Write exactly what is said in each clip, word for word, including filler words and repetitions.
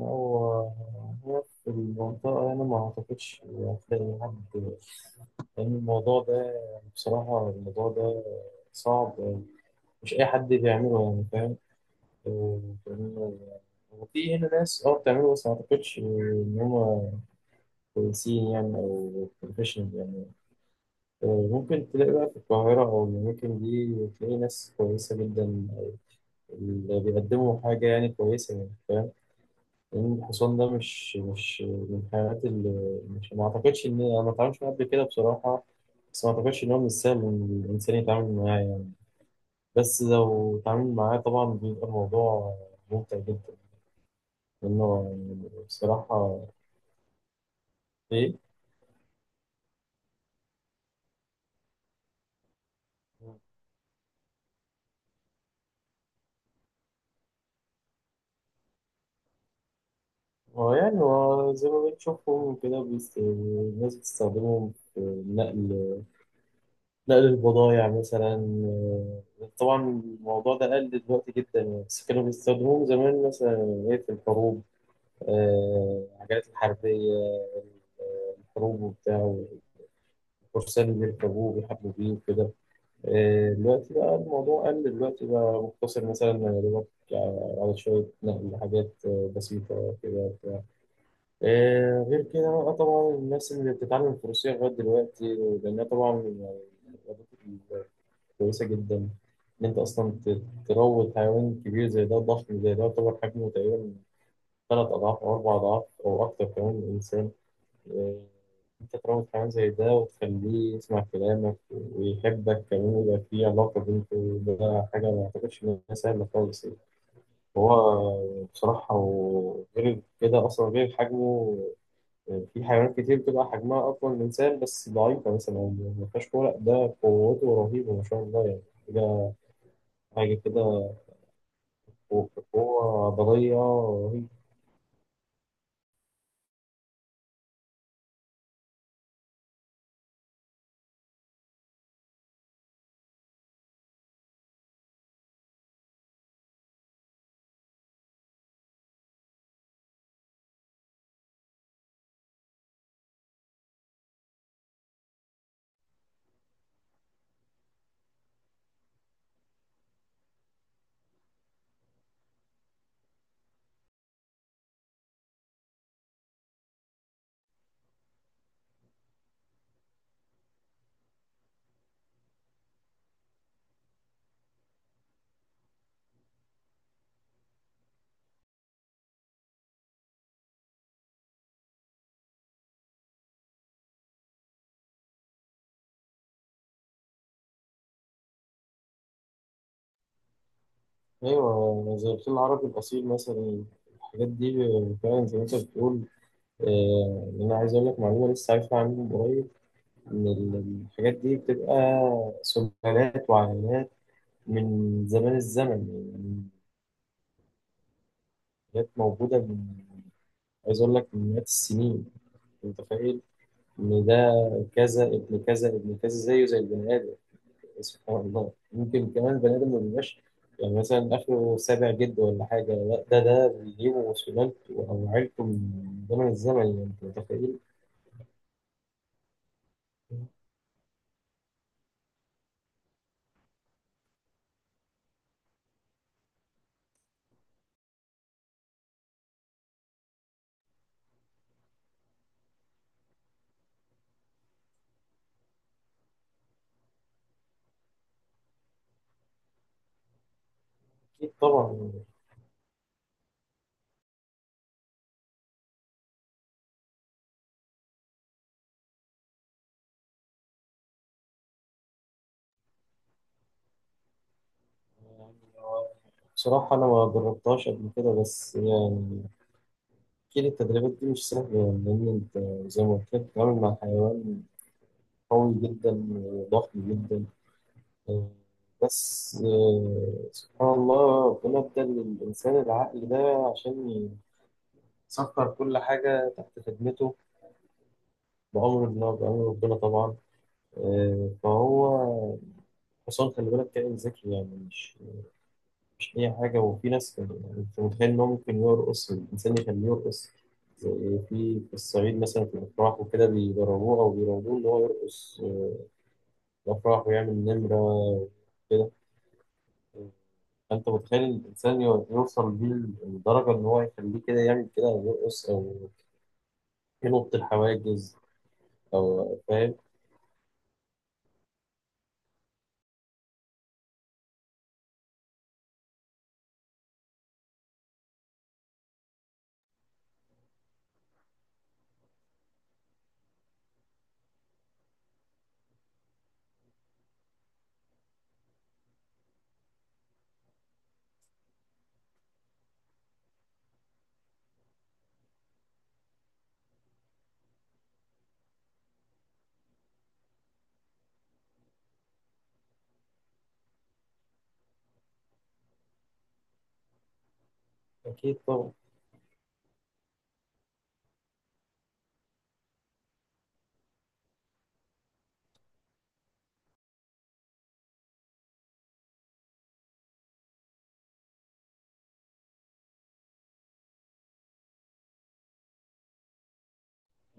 هو هو في المنطقة، أنا ما أعتقدش هتلاقي حد. لأن الموضوع ده يعني بصراحة الموضوع ده صعب. مش أي حد بيعمله يعني فاهم. لأنه- وفي هنا ناس اه بتعمله بس ما أعتقدش إن هما كويسين يعني أو بروفيشنال يعني. آه، ممكن تلاقي بقى في القاهرة أو الأماكن دي تلاقي ناس كويسة جدا أو اللي بيقدموا حاجة يعني كويسة يعني فاهم. لأن الحصان ده مش مش من الحيوانات اللي مش ما أعتقدش إن أنا ما اتعاملتش معاه قبل كده بصراحة. بس ما أعتقدش إن هو من السهل إن الإنسان يتعامل معاه يعني. بس لو اتعامل معاه طبعا بيبقى الموضوع ممتع جدا لأنه يعني بصراحة. إيه، هو يعني هو زي ما بنشوفهم كده بيست... الناس بتستخدمهم في نقل نقل البضايع مثلا. طبعا الموضوع ده قل دلوقتي جدا يعني، بس كانوا بيستخدموه زمان مثلا إيه في الحروب. آه، العجلات الحربية، آه، الحروب وبتاع، والفرسان اللي بيركبوه وبيحاربوا بيه وكده. آه، دلوقتي بقى الموضوع قل دلوقتي بقى مقتصر مثلا يا دوبك على شوية نقل حاجات آه، بسيطة كده بتاع. آه، غير كده بقى طبعا الناس اللي بتتعلم الفروسية لغاية دلوقتي، لأنها طبعا يعني رياضة كويسة جدا. إن أنت أصلا ت- تروض حيوان كبير زي ده، ضخم زي ده يعتبر حجمه تقريبا ثلاث أضعاف أو أربع أضعاف أو أكتر كمان من الإنسان. إيه، أنت تروض حيوان زي ده وتخليه يسمع كلامك ويحبك كمان ويبقى في علاقة بينكم، ده حاجة ما أعتقدش إن هي سهلة خالص يعني. هو بصراحة وغير كده أصلا غير حجمه، في حيوانات كتير بتبقى حجمها أقوى من الإنسان بس ضعيفة مثلا، ما فيهاش قوة. لأ، ده قوته رهيبة ما شاء الله يعني. ده حاجة كده، قوة عضلية رهيبة. أيوة زي الفيل العربي الأصيل مثلا، الحاجات دي فعلا زي ما أنت بتقول. آه، انا عايز اقول لك معلومه لسه عارفها عنهم قريب، ان ال- الحاجات دي بتبقى سلالات وعائلات من زمان الزمن يعني. حاجات موجوده من، عايز اقول لك من مئات السنين. انت متخيل ان ده كذا ابن كذا ابن كذا زيه زي البني ادم. سبحان الله، ممكن كمان البني ادم ما بيبقاش يعني مثلا اخره سابع جد ولا حاجه، لا ده ده بيجيبه سلالته او عيلته من زمن الزمن يعني انت متخيل. اكيد طبعا. بصراحة أنا ما جربتهاش قبل كده بس يعني، أكيد التدريبات دي مش سهلة يعني لأن أنت زي ما قلت لك بتتعامل مع حيوان قوي جدا وضخم جدا. آه، بس آه، سبحان الله ربنا ادى للإنسان العقل ده عشان يسخر كل حاجة تحت خدمته بأمر الله بأمر ربنا طبعا. آه، فهو حصان، خلي بالك كائن ذكي يعني، مش مش أي حاجة. وفي ناس كده يعني أنت متخيل إن هو ممكن يرقص الإنسان يخليه يرقص، زي في في الصعيد مثلا في الأفراح وكده بيدربوه أو بيراقبوه إن هو يرقص آه، في الأفراح ويعمل نمرة كده. فأنت متخيل الإنسان يو- يوصل بيه لدرجة إن هو يخليه كده يعمل كده أو يرقص أو ينط الحواجز أو فاهم. أكيد طبعا.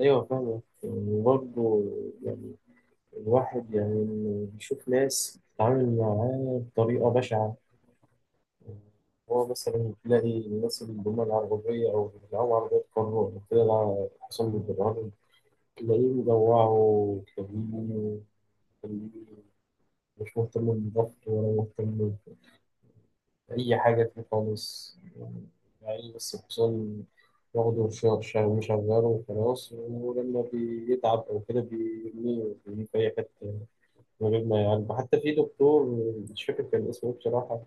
أيوه فاهم وبرضه يعني الواحد يعني بيشوف ناس بتتعامل معاه بطريقة بشعة. هو مثلا تلاقي الناس اللي هم العربية أو اللي بيلعبوا عربيات قارورة كده الع- حصل بالبرهان، تلاقيه مجوعه وكبير وكبير، مش مهتم بالضبط ولا مهتم بأي حاجة فيه خالص يعني. يعني بس الحصان واخده وش- مشغله وخلاص، ولما بيتعب أو كده بيرميه بيرميه في أي حتة من غير ما يعالجه حتى. في دكتور مش فاكر كان اسمه إيه بصراحة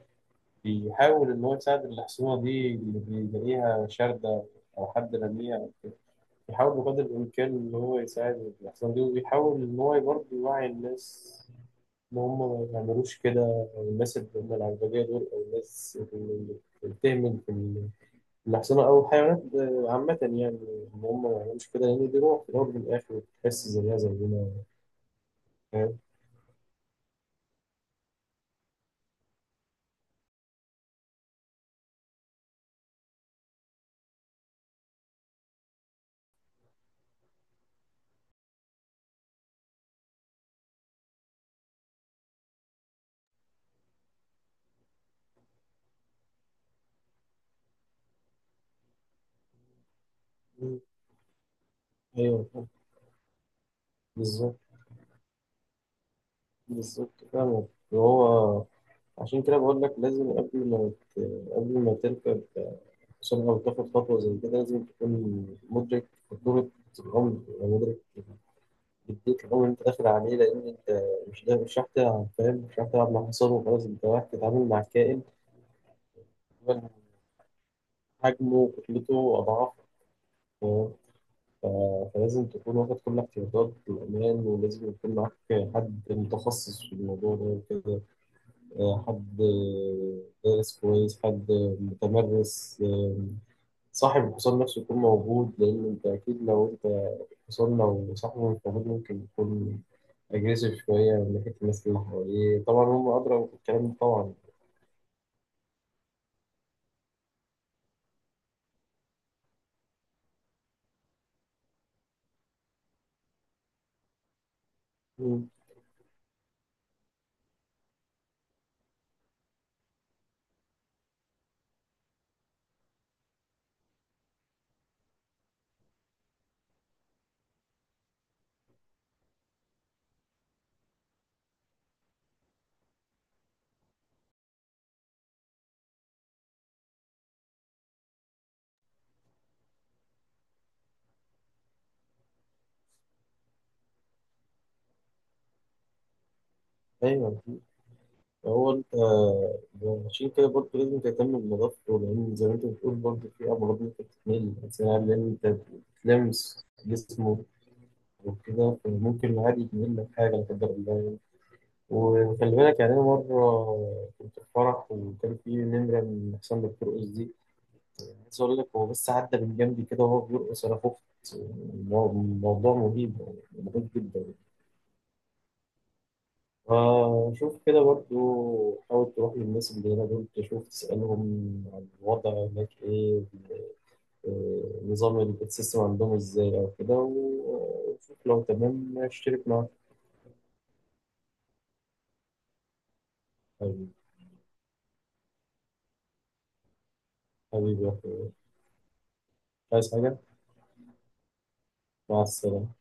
بيحاول إن هو يساعد الحصينة دي اللي بيلاقيها شاردة أو حد رميها. بيحاول بقدر الإمكان إن هو يساعد الحصينة دي وبيحاول إن هو برضه يوعي الناس إن هم ما يعملوش كده، أو الناس اللي هم العربجية دول أو الناس اللي بتهمل في ال- الحصينة أو الحيوانات عامة يعني إن هم ما يعملوش كده، لأن دي روح في الأول وفي الآخر بتحس زيها زينا. فاهم؟ أيوه بالظبط. بالظبط فاهم. وهو عشان كده بقول لك لازم قبل ما ت- قبل ما تركب سرعة وتاخد خطوة زي كده، لازم تكون مدرك خطورة الأمر يعني مدرك جدية الأمر اللي أنت داخل عليه. لأن أنت مش ده مش رايح تلعب فاهم، مش رايح تلعب مع حصان وخلاص، أنت رايح تتعامل مع كائن تقريباً حجمه وكتلته أضعاف. فاهم؟ ف- فلازم تكون واخد كل احتياطات الأمان، ولازم يكون معاك حد متخصص في الموضوع ده وكده. آه، حد دارس كويس، حد متمرس. آه، صاحب الحصان نفسه يكون موجود لأن أنت أكيد لو أنت الحصان لو صاحبه مش موجود ممكن يكون أجريسيف شوية من ناحية الناس اللي حواليه طبعا، هم أدرى بالكلام ده طبعا. مم. أيوه أكيد. هو أنت عشان كده برضه لازم تهتم بنظافته، لأن زي ما أنت بتقول برضه في أمراض ممكن تتنقل، لأن أنت بتلمس جسمه وكده فممكن عادي يتنقل لك حاجة لا قدر الله يعني. وخلي بالك يعني أنا مرة كنت في فرح وكان في نمرة من أحسن دكتور اس دي، عايز اقول لك هو بس عدى من جنبي كده وهو بيرقص انا خفت. المو- الموضوع مهيب يعني مهيب جدا. فشوف كده برضو حاول تروح للناس اللي هنا دول تشوف تسألهم عن الوضع هناك ايه. آه، نظام ال- السيستم عندهم ازاي او كده و- وشوف لو تمام اشترك معاك. حبيبي. حبيبي يا أخويا. عايز حاجة. مع السلامة.